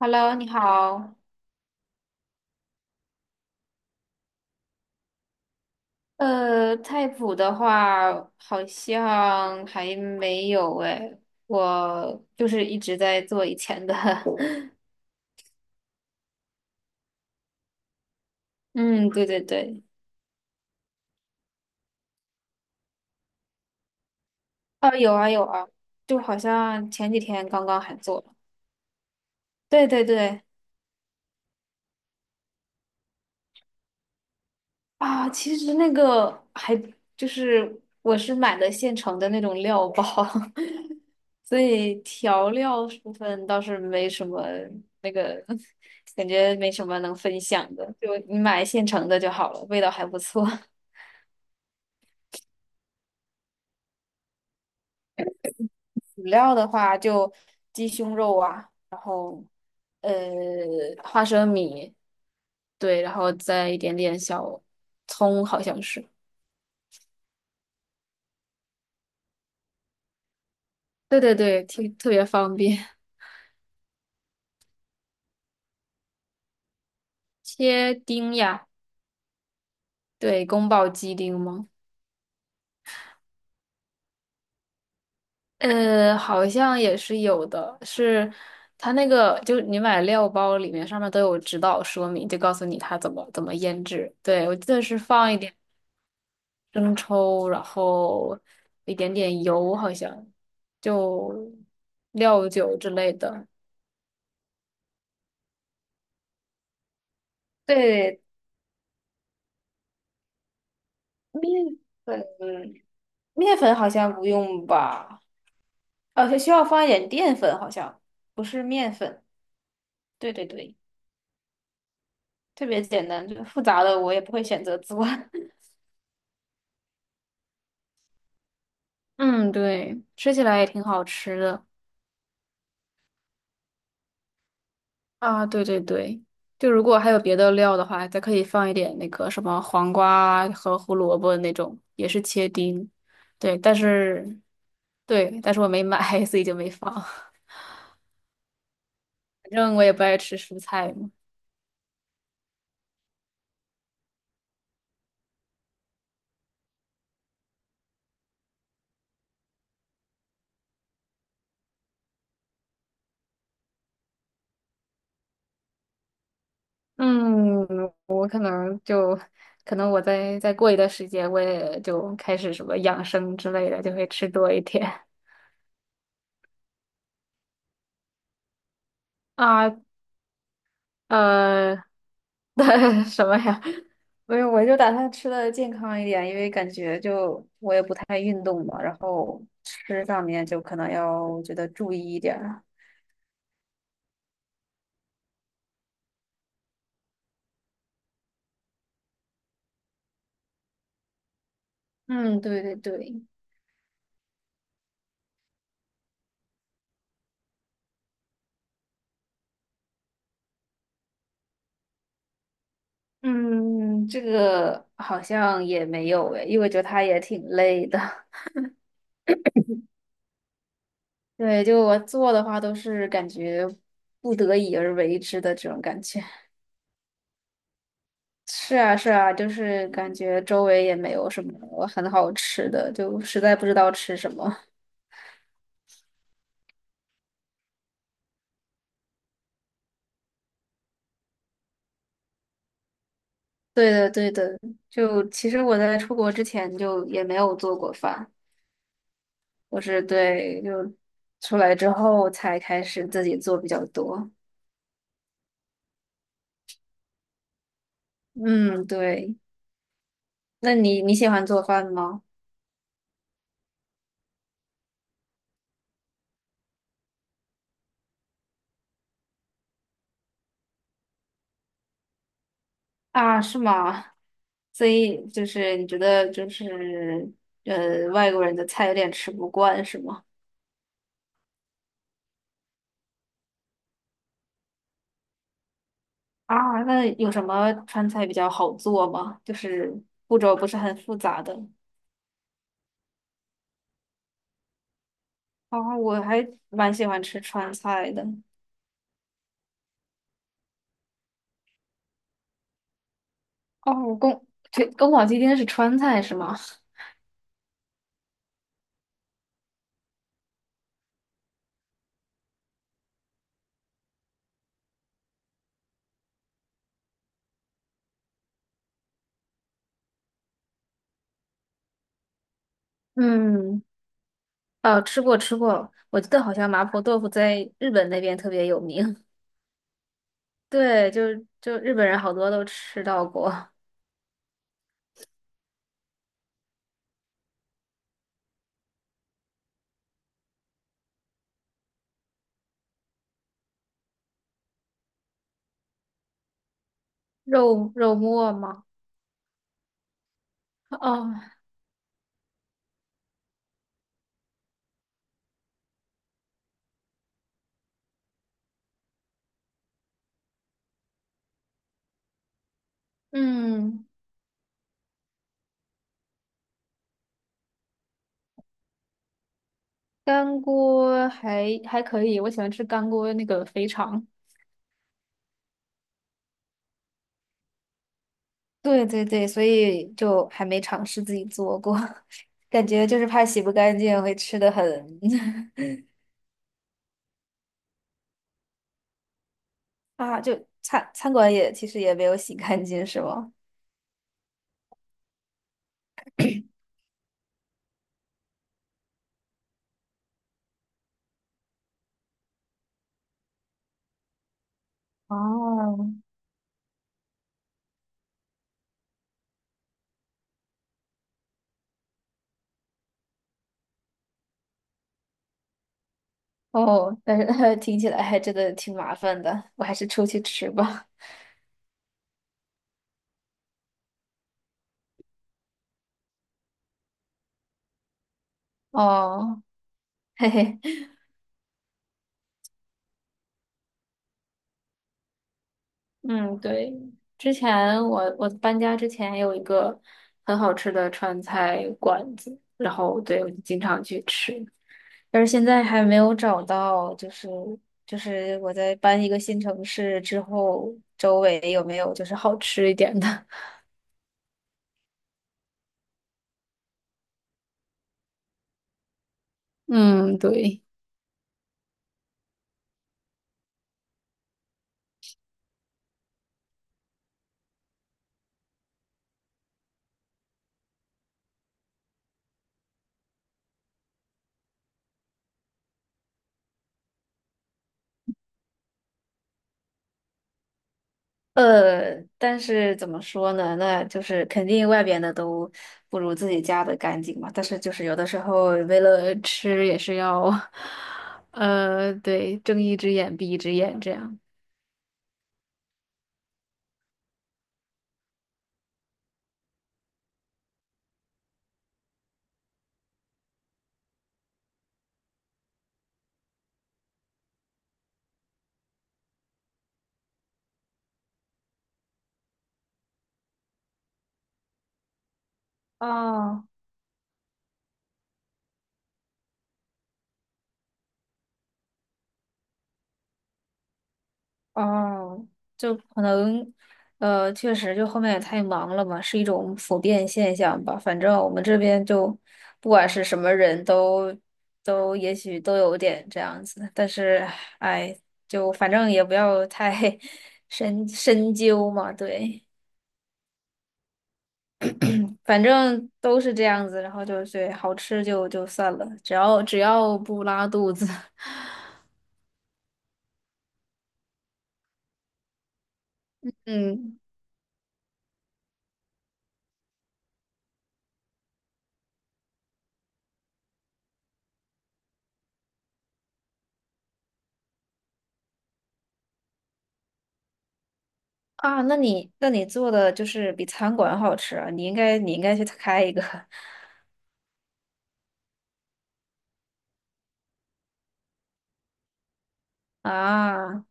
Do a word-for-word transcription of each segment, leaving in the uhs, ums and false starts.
Hello，你好。呃，菜谱的话，好像还没有诶，我就是一直在做以前的。嗯，对对对。啊，有啊有啊，就好像前几天刚刚还做了。对对对。啊，其实那个还就是我是买的现成的那种料包，所以调料部分倒是没什么那个，感觉没什么能分享的，就你买现成的就好了，味道还不错。辅料的话就鸡胸肉啊，呃，花生米，对，然后再一点点小葱，好像是，对对对，挺特别方便，切丁呀，对，宫保鸡丁吗？呃，好像也是有的，是它那个就你买料包里面上面都有指导说明，就告诉你它怎么怎么腌制。对，我记得是放一点生抽，然后一点点油，好像就料酒之类的。对，面粉，面粉好像不用吧？哦，需要放一点淀粉，好像不是面粉。对对对，特别简单，就是复杂的我也不会选择做。嗯，对，吃起来也挺好吃的啊。对对对，就如果还有别的料的话，再可以放一点那个什么黄瓜啊和胡萝卜那种，也是切丁。对，但是对，但是我没买，所以就没放。反正我也不爱吃蔬菜嘛。嗯，我可能就可能我再再过一段时间，我也就开始什么养生之类的，就会吃多一点。啊，呃，对什么呀？没有，我就打算吃的健康一点，因为感觉就我也不太运动嘛，然后吃上面就可能要我觉得注意一点儿嗯，对对对，嗯，这个好像也没有诶，因为我觉得他也挺累的。对，就我做的话都是感觉不得已而为之的这种感觉。是啊，是啊，就是感觉周围也没有什么很好吃的，就实在不知道吃什么。对的，对的，就其实我在出国之前就也没有做过饭，我是对，就出来之后才开始自己做比较多。嗯，对。那你你喜欢做饭吗？啊，是吗？所以就是你觉得就是呃外国人的菜有点吃不惯是吗？啊，那有什么川菜比较好做吗？就是步骤不是很复杂的。啊，我还蛮喜欢吃川菜的。哦，宫，对，宫保鸡丁是川菜是吗？嗯，哦，吃过吃过，我记得好像麻婆豆腐在日本那边特别有名。对，就就日本人好多都吃到过肉肉末嘛。哦，嗯，干锅还还可以，我喜欢吃干锅那个肥肠。对对对，所以就还没尝试自己做过，感觉就是怕洗不干净，会吃的很 啊。就餐餐馆也其实也没有洗干净，是吗？哦哦，但是 听起来还真的挺麻烦的，我还是出去吃吧。哦，嘿嘿，嗯，对，之前我我搬家之前有一个很好吃的川菜馆子，然后对我就经常去吃，但是现在还没有找到，就是就是我在搬一个新城市之后，周围有没有就是好吃一点的？嗯，对。呃，但是怎么说呢？那就是肯定外边的都不如自己家的干净嘛。但是就是有的时候为了吃也是要，呃，对，睁一只眼闭一只眼这样。哦。哦，就可能，呃，确实，就后面也太忙了嘛，是一种普遍现象吧。反正我们这边就，不管是什么人都，都也许都有点这样子。但是，哎，就反正也不要太 深深究嘛。对，反正都是这样子。然后就是好吃就就算了，只要只要不拉肚子，嗯。啊，那你那你做的就是比餐馆好吃啊，你应该你应该去开一个 啊，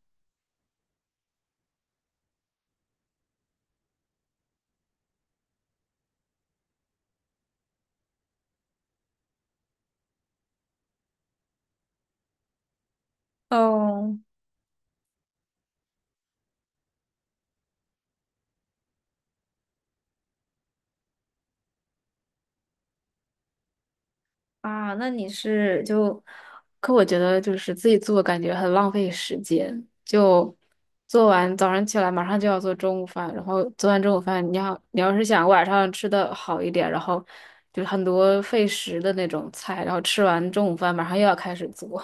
哦啊，那你是就可我觉得就是自己做，感觉很浪费时间。就做完早上起来，马上就要做中午饭，然后做完中午饭，你要你要是想晚上吃的好一点，然后就是很多费时的那种菜，然后吃完中午饭，马上又要开始做。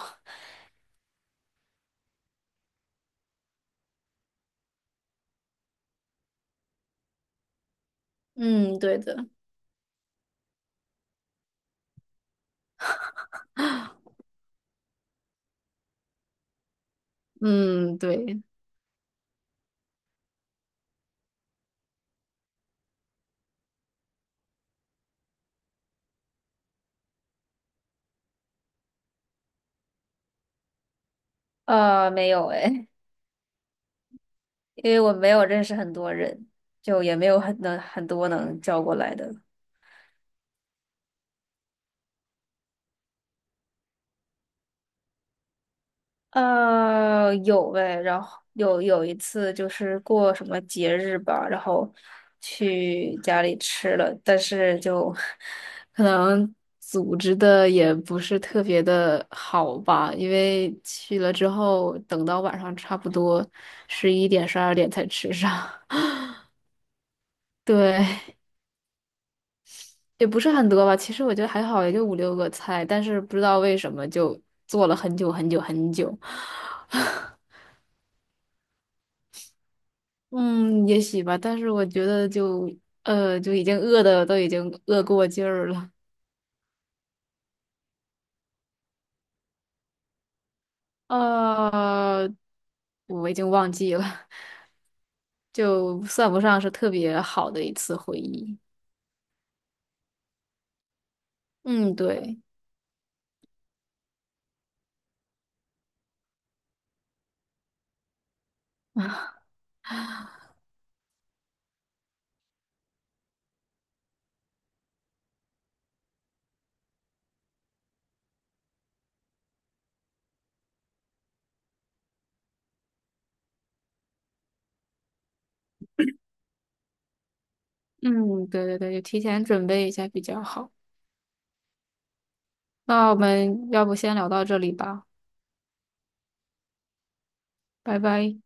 嗯，对的，嗯，对，呃，没有哎，因为我没有认识很多人，就也没有很能很多能叫过来的。呃，有呗，然后有有一次就是过什么节日吧，然后去家里吃了，但是就 可能组织的也不是特别的好吧，因为去了之后，等到晚上差不多十一点、十二点才吃上。对，也不是很多吧，其实我觉得还好，也就五六个菜，但是不知道为什么就做了很久很久很久，嗯，也许吧，但是我觉得就呃就已经饿的都已经饿过劲儿了，呃，我已经忘记了，就算不上是特别好的一次回忆，嗯，对，嗯，对对对，就提前准备一下比较好。那我们要不先聊到这里吧，拜拜。